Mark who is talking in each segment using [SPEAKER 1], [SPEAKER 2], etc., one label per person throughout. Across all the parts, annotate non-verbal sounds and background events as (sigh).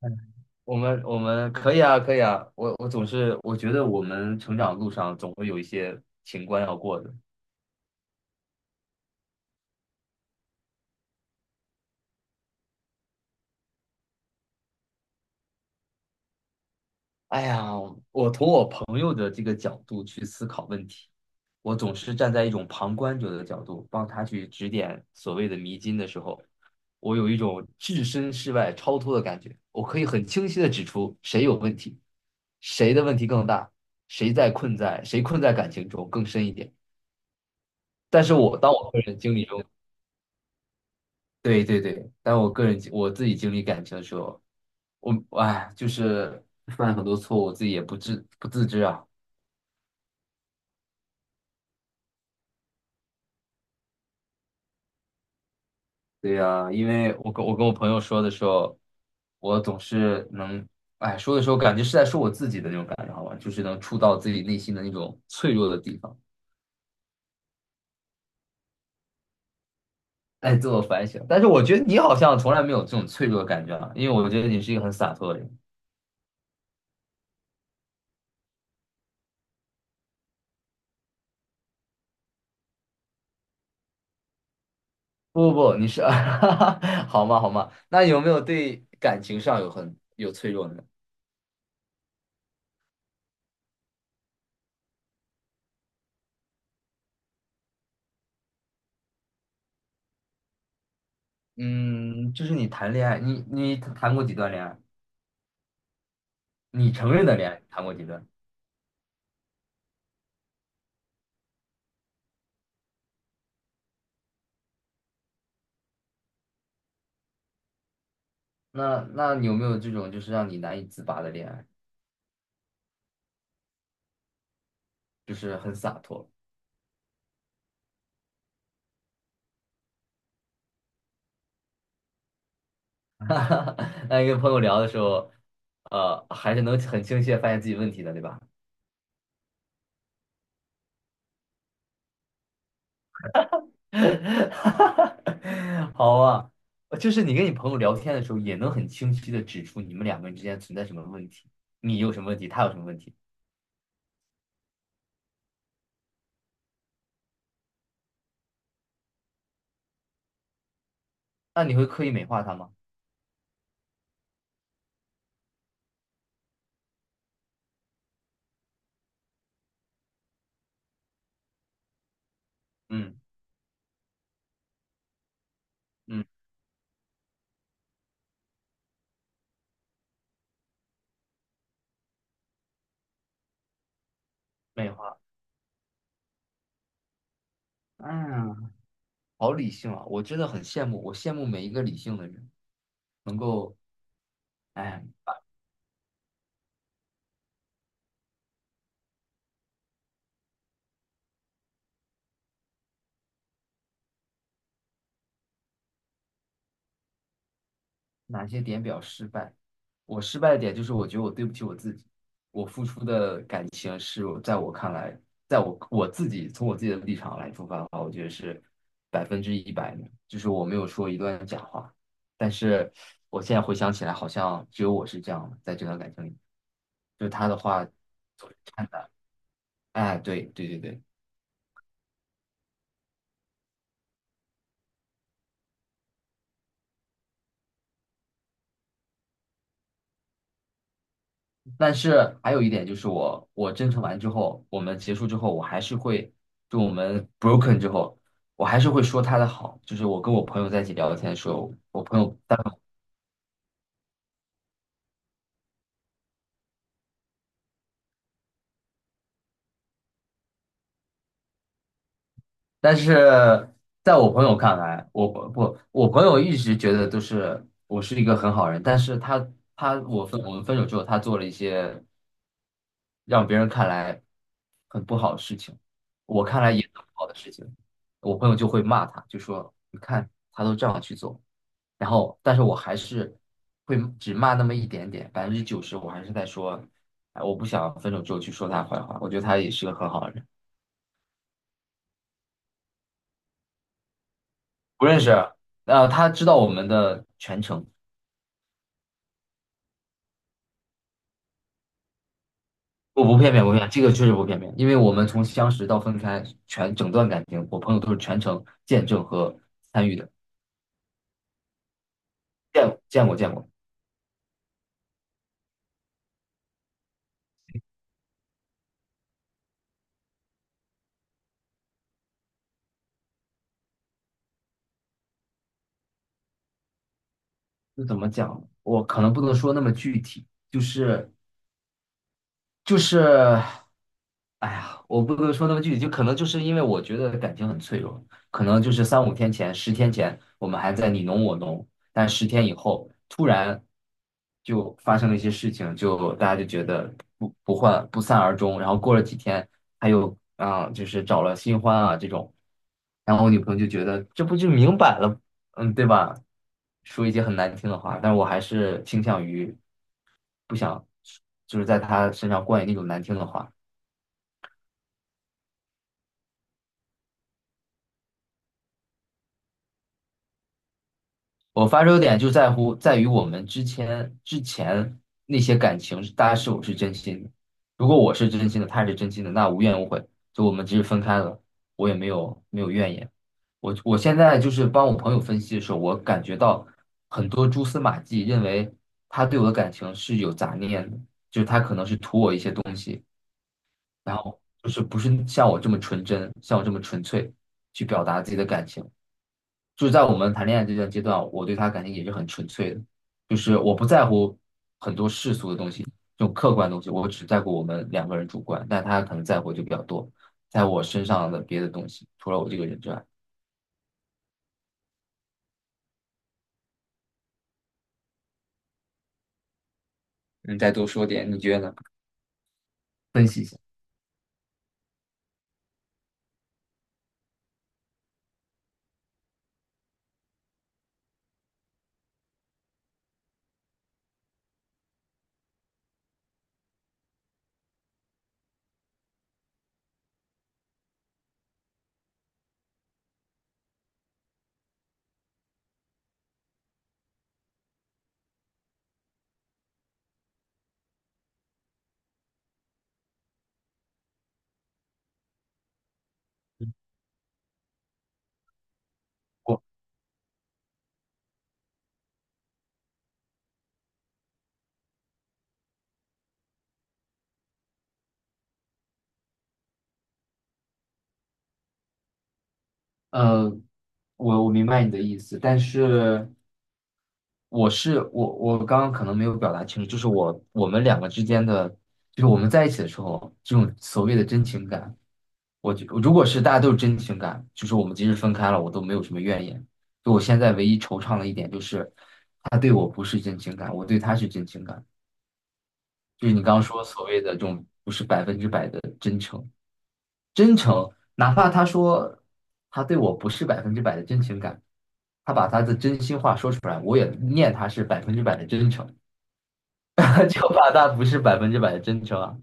[SPEAKER 1] 嗯，我们可以啊，可以啊。我我总是我觉得我们成长路上总会有一些情关要过的。哎呀，我从我朋友的这个角度去思考问题，我总是站在一种旁观者的角度，帮他去指点所谓的迷津的时候，我有一种置身事外、超脱的感觉。我可以很清晰的指出谁有问题，谁的问题更大，谁困在感情中更深一点。但是我当我个人经历中。对对对，但我个人我自己经历感情的时候，我就是犯很多错误，我自己也不自知啊。对呀，因为我跟我朋友说的时候，我总是能哎说的时候，感觉是在说我自己的那种感觉，好吧，就是能触到自己内心的那种脆弱的地方，哎，自我反省。但是我觉得你好像从来没有这种脆弱的感觉啊，因为我觉得你是一个很洒脱的人。不不不，你是 (laughs) 好嘛好嘛，那有没有对感情上有很有脆弱呢？嗯，就是你谈恋爱，你谈过几段恋爱？你承认的恋爱谈过几段？那你有没有这种就是让你难以自拔的恋爱，就是很洒脱？(laughs) 哈哈，那跟朋友聊的时候，还是能很清晰的发现自己问题的，对吧？(laughs) 好啊，就是你跟你朋友聊天的时候，也能很清晰的指出你们两个人之间存在什么问题，你有什么问题，他有什么问题，那你会刻意美化他吗？嗯嗯，美化。嗯。好理性啊！我真的很羡慕，我羡慕每一个理性的人能够，哎，哪些点比较失败？我失败的点就是我觉得我对不起我自己，我付出的感情是我在我看来，在我自己的立场来出发的话，我觉得是百分之一百的，就是我没有说一段假话。但是我现在回想起来，好像只有我是这样的，在这段感情里，就是他的话，哎，对对对对。但是还有一点就是我，我真诚完之后，我们结束之后，我还是会，就我们 broken 之后，我还是会说他的好。就是我跟我朋友在一起聊天的时候，我朋友，但但是在我朋友看来，我不，我朋友一直觉得都是我是一个很好人，但是他他我分我们分手之后，他做了一些让别人看来很不好的事情，我看来也很不好的事情，我朋友就会骂他，就说你看他都这样去做。然后，但是我还是会只骂那么一点点，百分之九十我还是在说，哎，我不想分手之后去说他坏话，我觉得他也是个很好的人，不认识，他知道我们的全程，我不片面，不片面，这个确实不片面，因为我们从相识到分开，全整段感情，我朋友都是全程见证和参与的，见过见过，就怎么讲，我可能不能说那么具体，就是。哎呀，我不能说那么具体，就可能就是因为我觉得感情很脆弱，可能就是三五天前、十天前，我们还在你侬我侬，但十天以后突然就发生了一些事情，就大家就觉得不欢不散而终，然后过了几天，他又啊、就是找了新欢啊这种，然后我女朋友就觉得这不就明摆了，嗯，对吧？说一些很难听的话，但我还是倾向于不想，就是在她身上灌以那种难听的话。我发愁点就在乎在于我们之前那些感情，大家是否是真心的？如果我是真心的，他是真心的，那无怨无悔，就我们即使分开了，我也没有怨言。我现在就是帮我朋友分析的时候，我感觉到很多蛛丝马迹，认为他对我的感情是有杂念的，就是他可能是图我一些东西，然后就是不是像我这么纯真，像我这么纯粹去表达自己的感情。就是在我们谈恋爱这段阶段，我对他感情也是很纯粹的，就是我不在乎这种客观的东西，我只在乎我们两个人主观，但他可能在乎就比较多，在乎我身上的别的东西，除了我这个人之外，你再多说点，你觉得呢？分析一下。我呃，我明白你的意思，但是我刚刚可能没有表达清楚，就是我我们两个之间的，就是我们在一起的时候，这种所谓的真情感。我就如果是大家都是真情感，就是我们即使分开了，我都没有什么怨言。就我现在唯一惆怅的一点就是，他对我不是真情感，我对他是真情感。就是你刚刚说所谓的这种不是百分之百的真诚，真诚，哪怕他说他对我不是百分之百的真情感，他把他的真心话说出来，我也念他是百分之百的真诚，(laughs) 就怕他不是百分之百的真诚啊。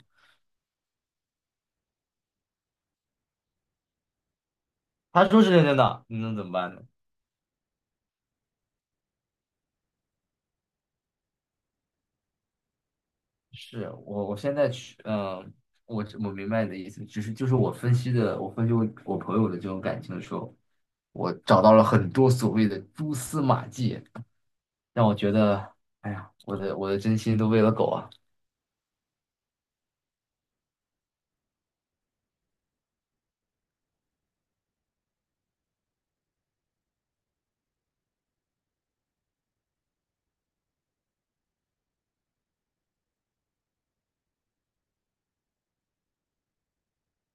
[SPEAKER 1] 他说是认真的，你能怎么办呢？是我，我现在去，嗯，我明白你的意思，只是就是我分析的，我分析我朋友的这种感情的时候，我找到了很多所谓的蛛丝马迹，让我觉得，哎呀，我的真心都喂了狗啊！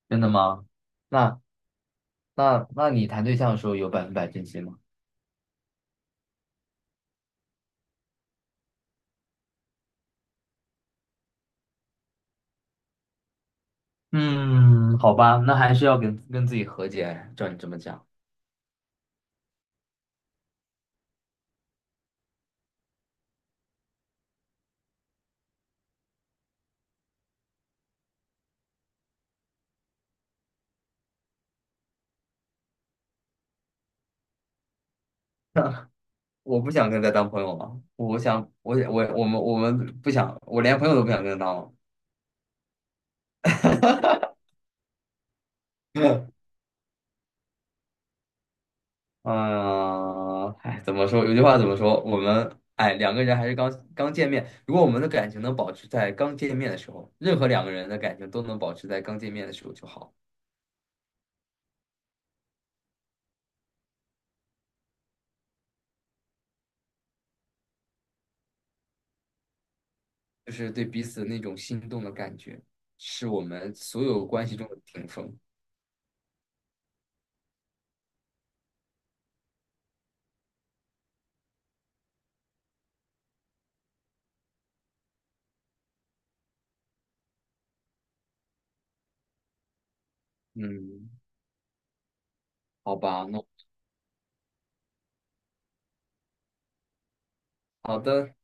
[SPEAKER 1] 真的吗？那那你谈对象的时候有百分百真心吗？嗯，好吧，那还是要跟跟自己和解。照你这么讲，(laughs) 我不想跟他当朋友了，我们不想，我连朋友都不想跟他当了。(laughs) 嗯，哎，怎么说？有句话怎么说？我们哎，两个人还是刚刚见面。如果我们的感情能保持在刚见面的时候，任何两个人的感情都能保持在刚见面的时候就好。就是对彼此那种心动的感觉，是我们所有关系中的顶峰。嗯，好吧，那好的。